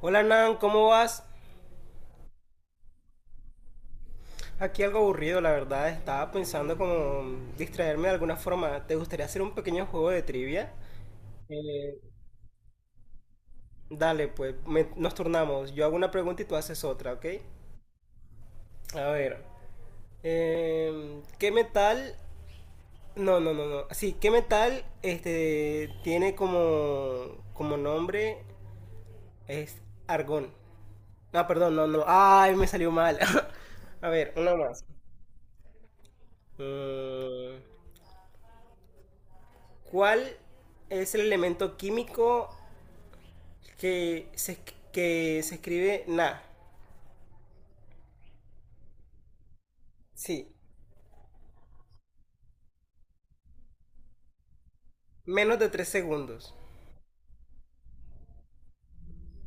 Hola Nan, ¿cómo vas? Aquí algo aburrido, la verdad. Estaba pensando como distraerme de alguna forma. ¿Te gustaría hacer un pequeño juego de trivia? Eh, dale, pues nos turnamos. Yo hago una pregunta y tú haces otra, ¿ok? A ver. ¿Qué metal? No, no, no, no. Sí, ¿qué metal este tiene como nombre es argón? Ah, perdón, no, no. Ay, me salió mal. A ver, una más. Mm, ¿Cuál es el elemento químico que se, que se escribe Na? Sí, menos de 3 segundos.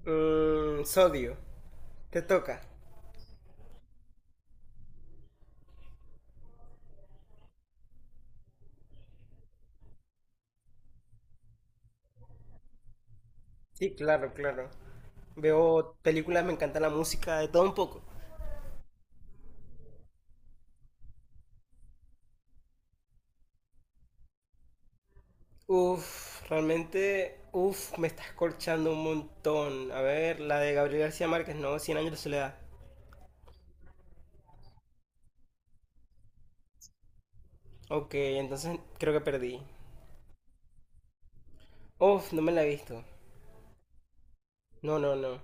Sodio, te toca. Sí, claro, claro. Veo películas, me encanta la música, de todo un poco. Uf, realmente, uf, me estás corchando un montón. A ver, la de Gabriel García Márquez, no, Cien años de soledad. Ok, entonces creo que perdí. Uf, no me la he visto. No, no, no.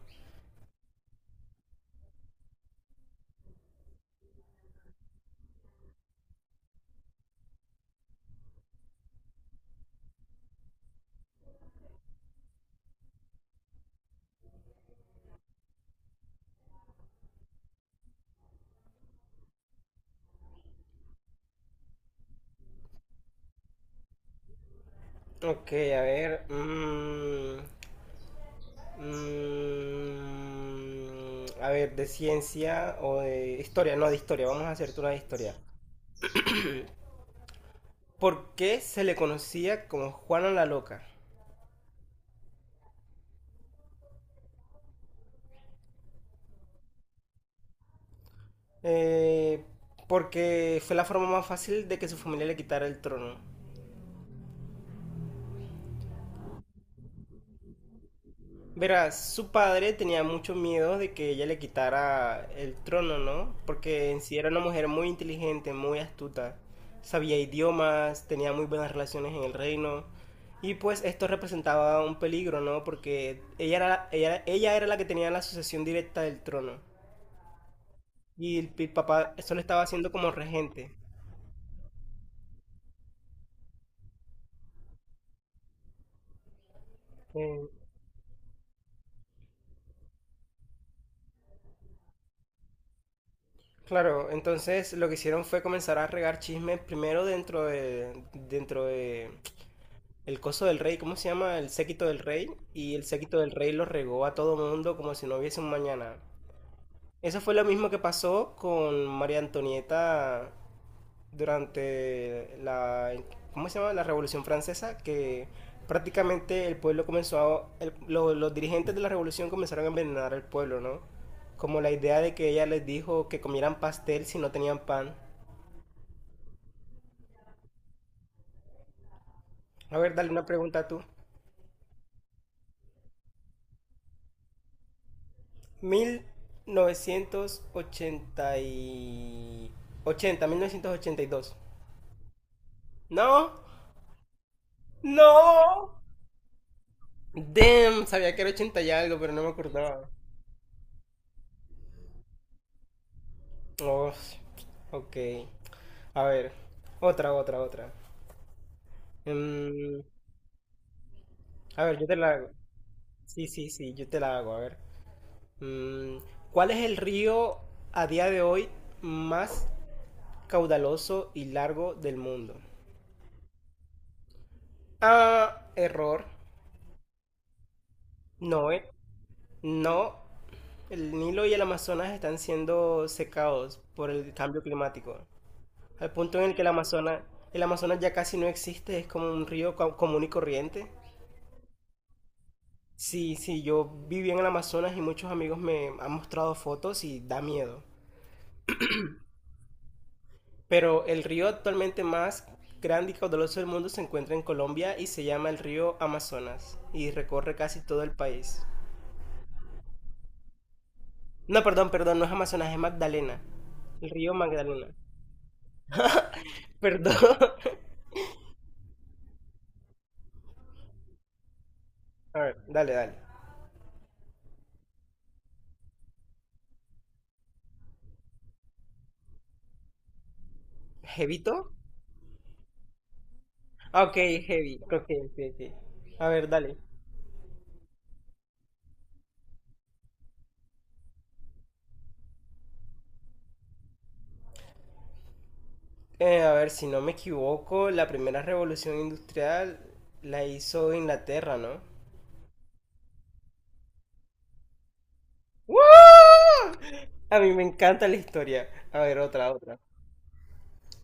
Ok, a ver. A ver, de ciencia o de historia, no de historia, vamos a hacerte una de historia. ¿Por qué se le conocía como Juana la Loca? Eh, Porque fue la forma más fácil de que su familia le quitara el trono. Verás, su padre tenía mucho miedo de que ella le quitara el trono, ¿no? Porque en sí era una mujer muy inteligente, muy astuta, sabía idiomas, tenía muy buenas relaciones en el reino. Y pues esto representaba un peligro, ¿no? Porque ella era la que tenía la sucesión directa del trono. Y el papá solo estaba haciendo como regente. Eh, claro, entonces lo que hicieron fue comenzar a regar chismes primero dentro de, el coso del rey, ¿cómo se llama? El séquito del rey. Y el séquito del rey lo regó a todo mundo como si no hubiese un mañana. Eso fue lo mismo que pasó con María Antonieta durante la, ¿cómo se llama? La Revolución Francesa, que prácticamente el pueblo comenzó a, los dirigentes de la revolución comenzaron a envenenar al pueblo, ¿no? Como la idea de que ella les dijo que comieran pastel si no tenían pan. A ver, dale una pregunta tú. Mil novecientos ochenta y... 80, 1982. No, no. Damn, sabía que era ochenta y algo, pero no me acordaba. Oh, ok. A ver, otra, otra, otra. Mm, a ver, yo te la hago. Sí, sí, sí, yo te la hago. A ver. Mm, ¿Cuál es el río a día de hoy más caudaloso y largo del mundo? Ah, error. No, eh. No, el Nilo y el Amazonas están siendo secados por el cambio climático, al punto en el que el Amazonas ya casi no existe, es como un río común y corriente. Sí, sí, yo viví en el Amazonas y muchos amigos me han mostrado fotos y da miedo. Pero el río actualmente más grande y caudaloso del mundo se encuentra en Colombia y se llama el río Amazonas y recorre casi todo el país. No, perdón, perdón, no es Amazonas, es Magdalena. El río Magdalena. Perdón. A ver, dale, dale. ¿Jevito? Ah, ok, heavy. Ok, ok, ok. A ver, dale. A ver, si no me equivoco, la primera revolución industrial la hizo Inglaterra, ¿no? ¡Woo! A mí me encanta la historia. A ver, otra, otra.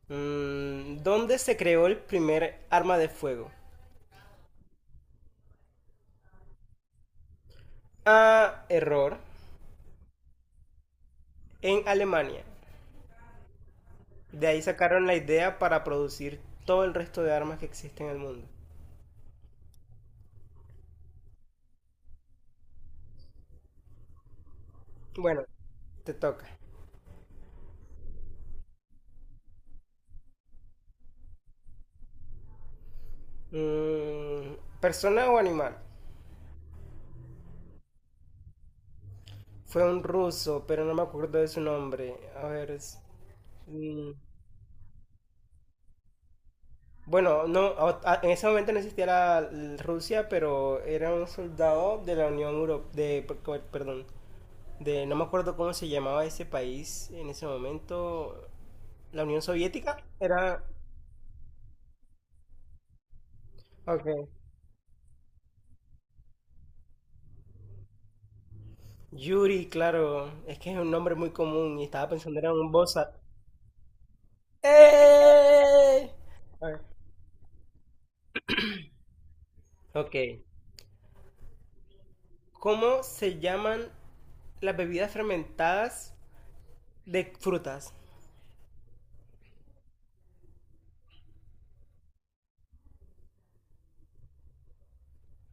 ¿Dónde se creó el primer arma de fuego? Ah, error. En Alemania. De ahí sacaron la idea para producir todo el resto de armas que existen en el mundo. Bueno, te toca. Mm, ¿Persona o animal? Fue un ruso, pero no me acuerdo de su nombre. A ver, mm, bueno, no, en ese momento no existía Rusia, pero era un soldado de la Unión Europea, de, perdón, de, no me acuerdo cómo se llamaba ese país en ese momento. La Unión Soviética era, ok, Yuri, claro, es que es un nombre muy común y estaba pensando era un bosa. ¡Eh! A ver, ok. ¿Cómo se llaman las bebidas fermentadas? De frutas.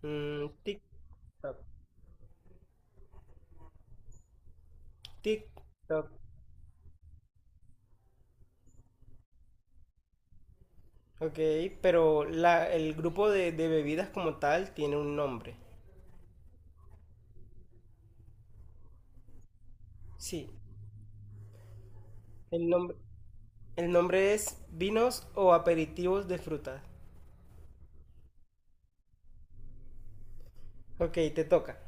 Mm, tic, toc, tic, toc. Ok, pero la, el grupo de bebidas como tal tiene un nombre. Sí, el nombre, el nombre es vinos o aperitivos de frutas. Ok, te toca.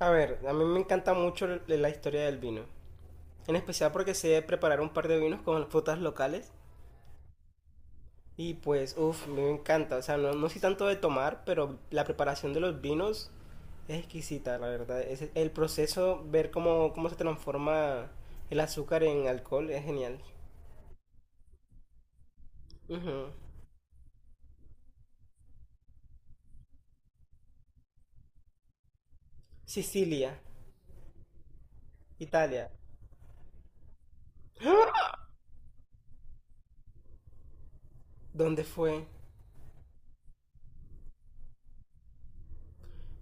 A ver, a mí me encanta mucho la historia del vino. En especial porque sé preparar un par de vinos con frutas locales. Y pues, uff, me encanta. O sea, no, no soy tanto de tomar, pero la preparación de los vinos es exquisita, la verdad. Es el proceso, ver cómo se transforma el azúcar en alcohol, es genial. Ujú. Sicilia, Italia. ¿Dónde fue?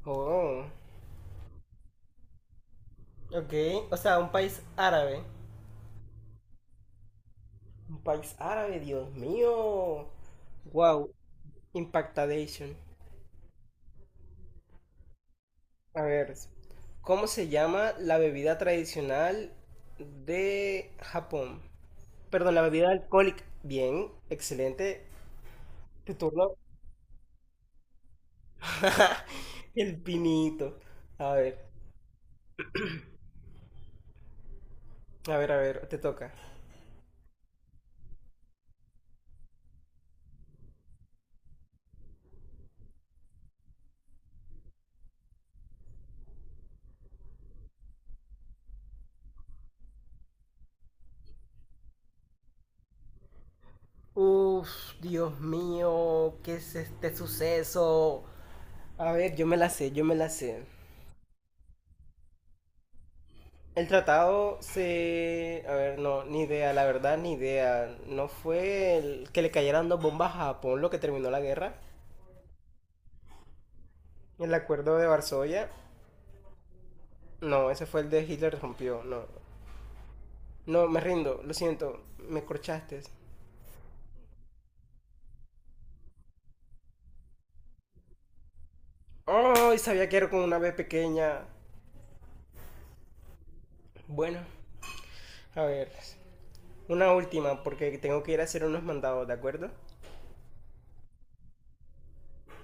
Oh, ok. O sea, un país árabe. Un país árabe, Dios mío. Wow, impactadation. A ver, ¿cómo se llama la bebida tradicional de Japón? Perdón, la bebida alcohólica. Bien, excelente. Tu turno. El pinito. A ver, a ver, a ver, te toca. Uf, Dios mío, ¿qué es este suceso? A ver, yo me la sé, yo me la sé. El tratado se... A ver, no, ni idea, la verdad, ni idea. ¿No fue el que le cayeran dos bombas a Japón lo que terminó la guerra? El acuerdo de Varsovia. No, ese fue el de Hitler rompió. No. No, me rindo. Lo siento. Me corchaste. ¡Oh! Y sabía que era con una B pequeña. Bueno. A ver. Una última, porque tengo que ir a hacer unos mandados, ¿de acuerdo?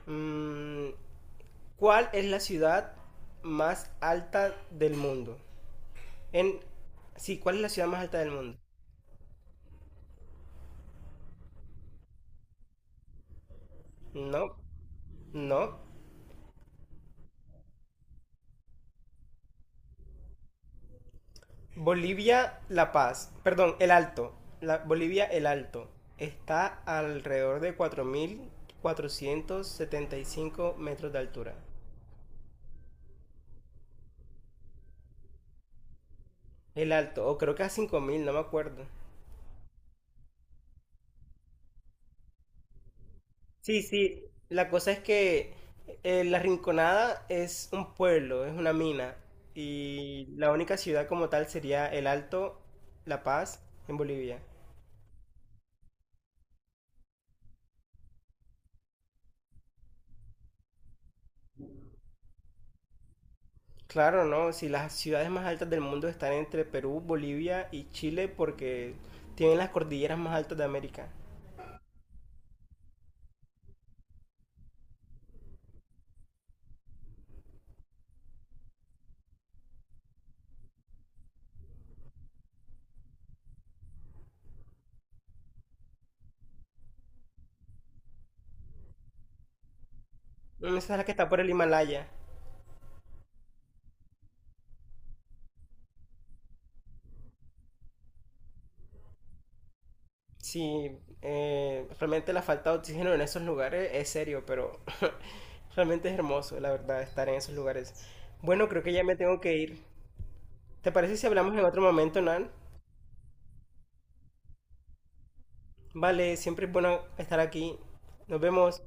Mm, ¿Cuál es la ciudad más alta del mundo? En... Sí, ¿cuál es la ciudad más alta del mundo? No. No. Bolivia, La Paz, perdón, El Alto, la, Bolivia, El Alto, está alrededor de 4475 metros de altura. El Alto, o creo que a 5000, no me acuerdo. Sí, sí, la cosa es que La Rinconada es un pueblo, es una mina, y la única ciudad como tal sería El Alto, La Paz, en Bolivia. Claro, ¿no? Si las ciudades más altas del mundo están entre Perú, Bolivia y Chile porque tienen las cordilleras más altas de América. Mm, esa es la que está por el Himalaya. Sí, realmente la falta de oxígeno en esos lugares es serio, pero realmente es hermoso, la verdad, estar en esos lugares. Bueno, creo que ya me tengo que ir. ¿Te parece si hablamos en otro momento, Nan? Vale, siempre es bueno estar aquí. Nos vemos.